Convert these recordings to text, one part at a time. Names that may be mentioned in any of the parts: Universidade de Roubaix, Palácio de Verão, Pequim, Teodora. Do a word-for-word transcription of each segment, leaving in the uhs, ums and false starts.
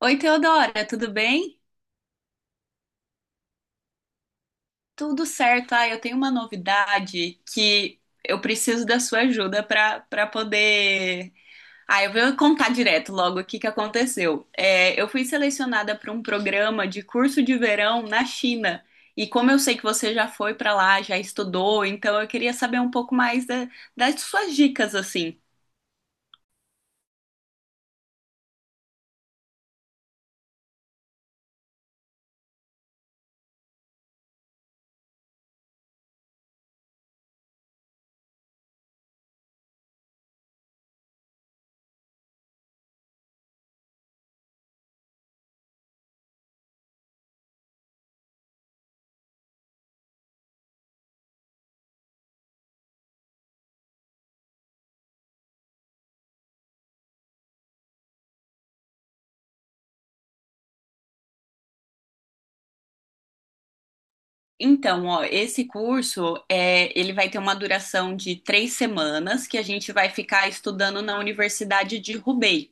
Oi, Teodora, tudo bem? Tudo certo. Ah, eu tenho uma novidade que eu preciso da sua ajuda para para poder. Ah, eu vou contar direto logo o que que aconteceu. É, eu fui selecionada para um programa de curso de verão na China. E como eu sei que você já foi para lá, já estudou, então eu queria saber um pouco mais da- das suas dicas, assim. Então, ó, esse curso é, ele vai ter uma duração de três semanas que a gente vai ficar estudando na Universidade de Roubaix.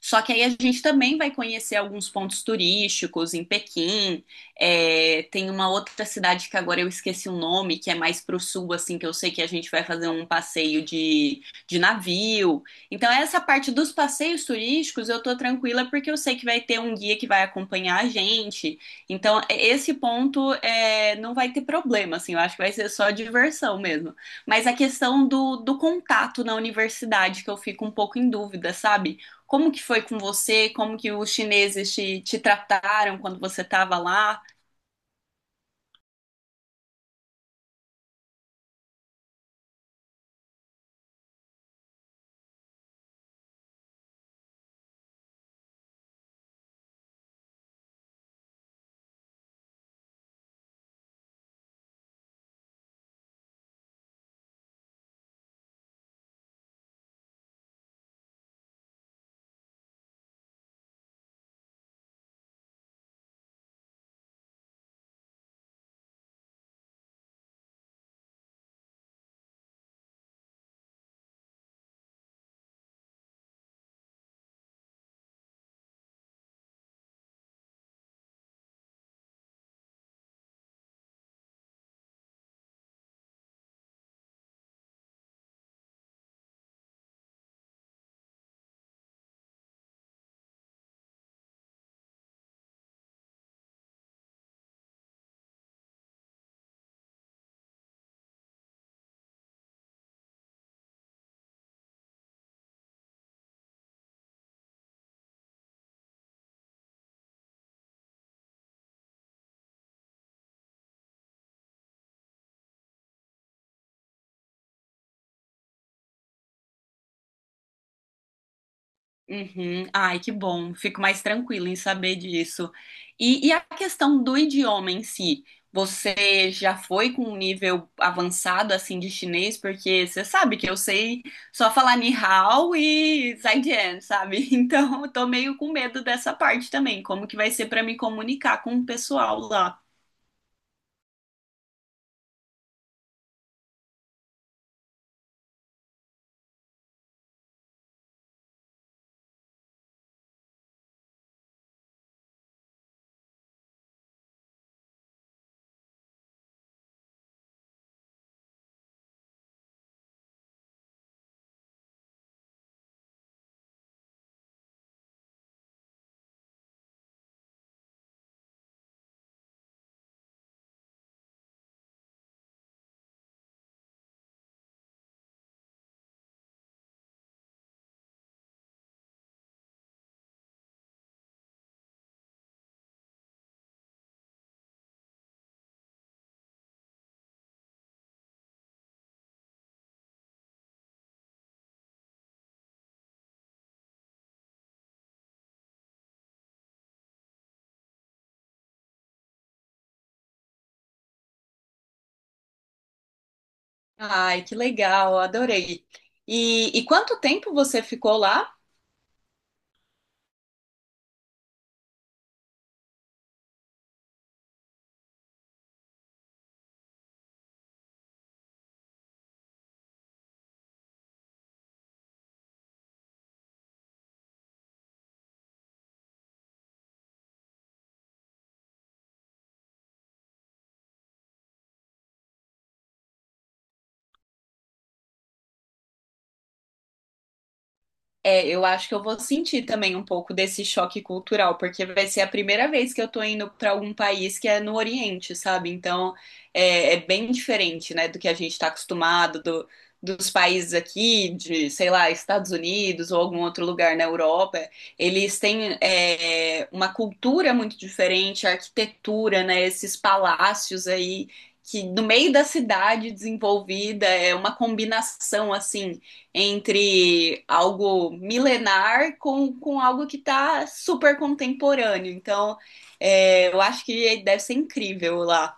Só que aí a gente também vai conhecer alguns pontos turísticos em Pequim. É, tem uma outra cidade que agora eu esqueci o nome, que é mais pro sul, assim, que eu sei que a gente vai fazer um passeio de, de navio. Então, essa parte dos passeios turísticos eu tô tranquila porque eu sei que vai ter um guia que vai acompanhar a gente. Então, é- esse ponto é, não vai ter problema, assim, eu acho que vai ser só diversão mesmo. Mas a questão do, do contato na universidade, que eu fico um pouco em dúvida, sabe? Como que foi com você? Como que os chineses te, te trataram quando você estava lá? Uhum. Ai, que bom. Fico mais tranquila em saber disso. E, e a questão do idioma em si? Você já foi com um nível avançado assim de chinês? Porque você sabe que eu sei só falar ni hao e zaijian, sabe? Então eu tô meio com medo dessa parte também. Como que vai ser para me comunicar com o pessoal lá? Ai, que legal, adorei. E, e quanto tempo você ficou lá? É, eu acho que eu vou sentir também um pouco desse choque cultural, porque vai ser a primeira vez que eu tô indo para algum país que é no Oriente, sabe? Então é, é bem diferente, né, do que a gente está acostumado, do- dos países aqui, de, sei lá, Estados Unidos ou algum outro lugar na Europa. Eles têm é, uma cultura muito diferente, a arquitetura, né, esses palácios aí. Que no meio da cidade desenvolvida é uma combinação assim entre algo milenar com, com algo que está super contemporâneo. Então, é, eu acho que deve ser incrível lá.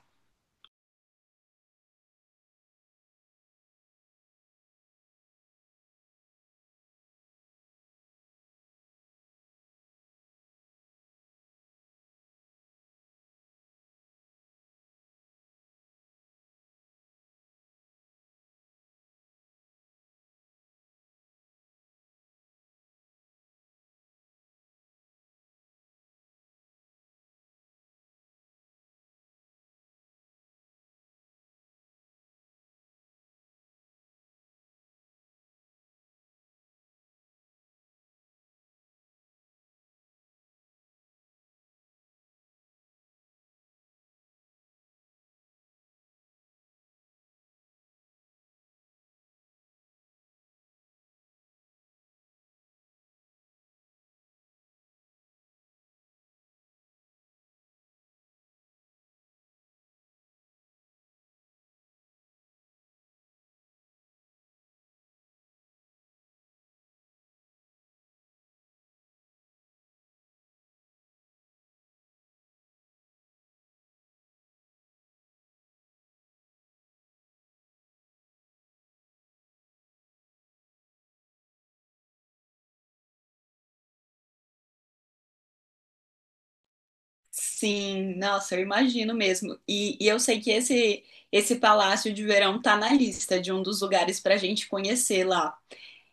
Sim, nossa, eu imagino mesmo. E, e eu sei que esse, esse Palácio de Verão tá na lista de um dos lugares para a gente conhecer lá.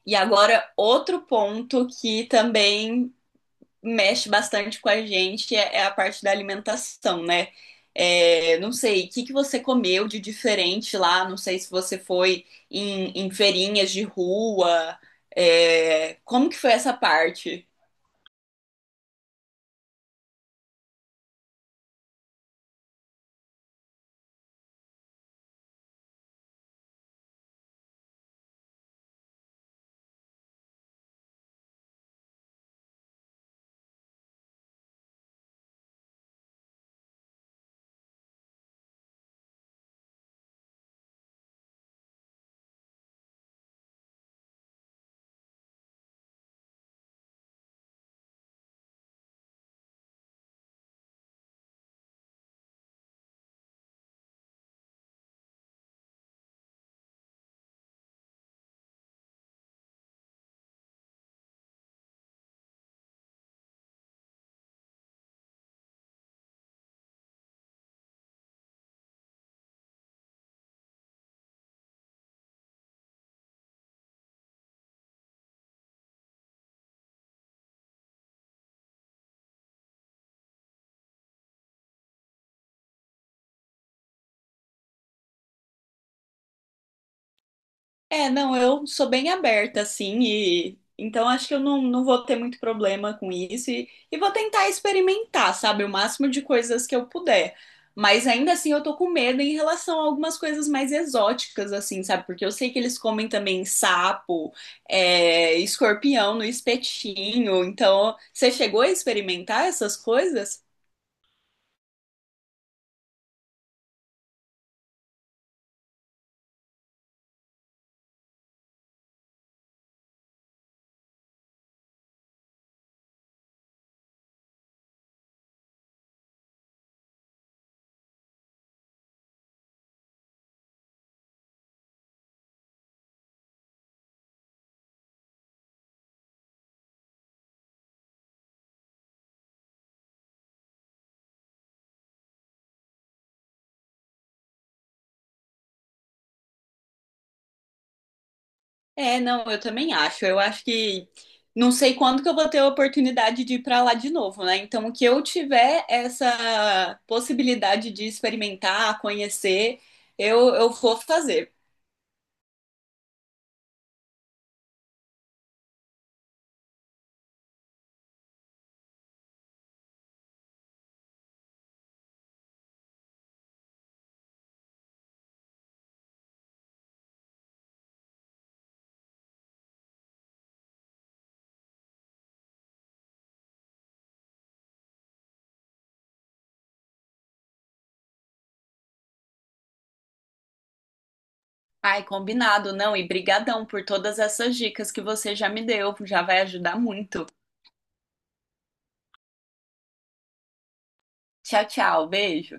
E agora, outro ponto que também mexe bastante com a gente é, é a parte da alimentação, né? É, não sei, o que que você comeu de diferente lá? Não sei se você foi em, em feirinhas de rua. É, como que foi essa parte? É, não, eu sou bem aberta, assim, e então acho que eu não, não vou ter muito problema com isso e, e vou tentar experimentar, sabe, o máximo de coisas que eu puder. Mas ainda assim eu tô com medo em relação a algumas coisas mais exóticas, assim, sabe? Porque eu sei que eles comem também sapo, é, escorpião no espetinho. Então, você chegou a experimentar essas coisas? É, não, eu também acho. Eu acho que não sei quando que eu vou ter a oportunidade de ir para lá de novo, né? Então, o que eu tiver essa possibilidade de experimentar, conhecer, eu, eu vou fazer. Ai, combinado, não. E brigadão por todas essas dicas que você já me deu, já vai ajudar muito. Tchau, tchau, beijo.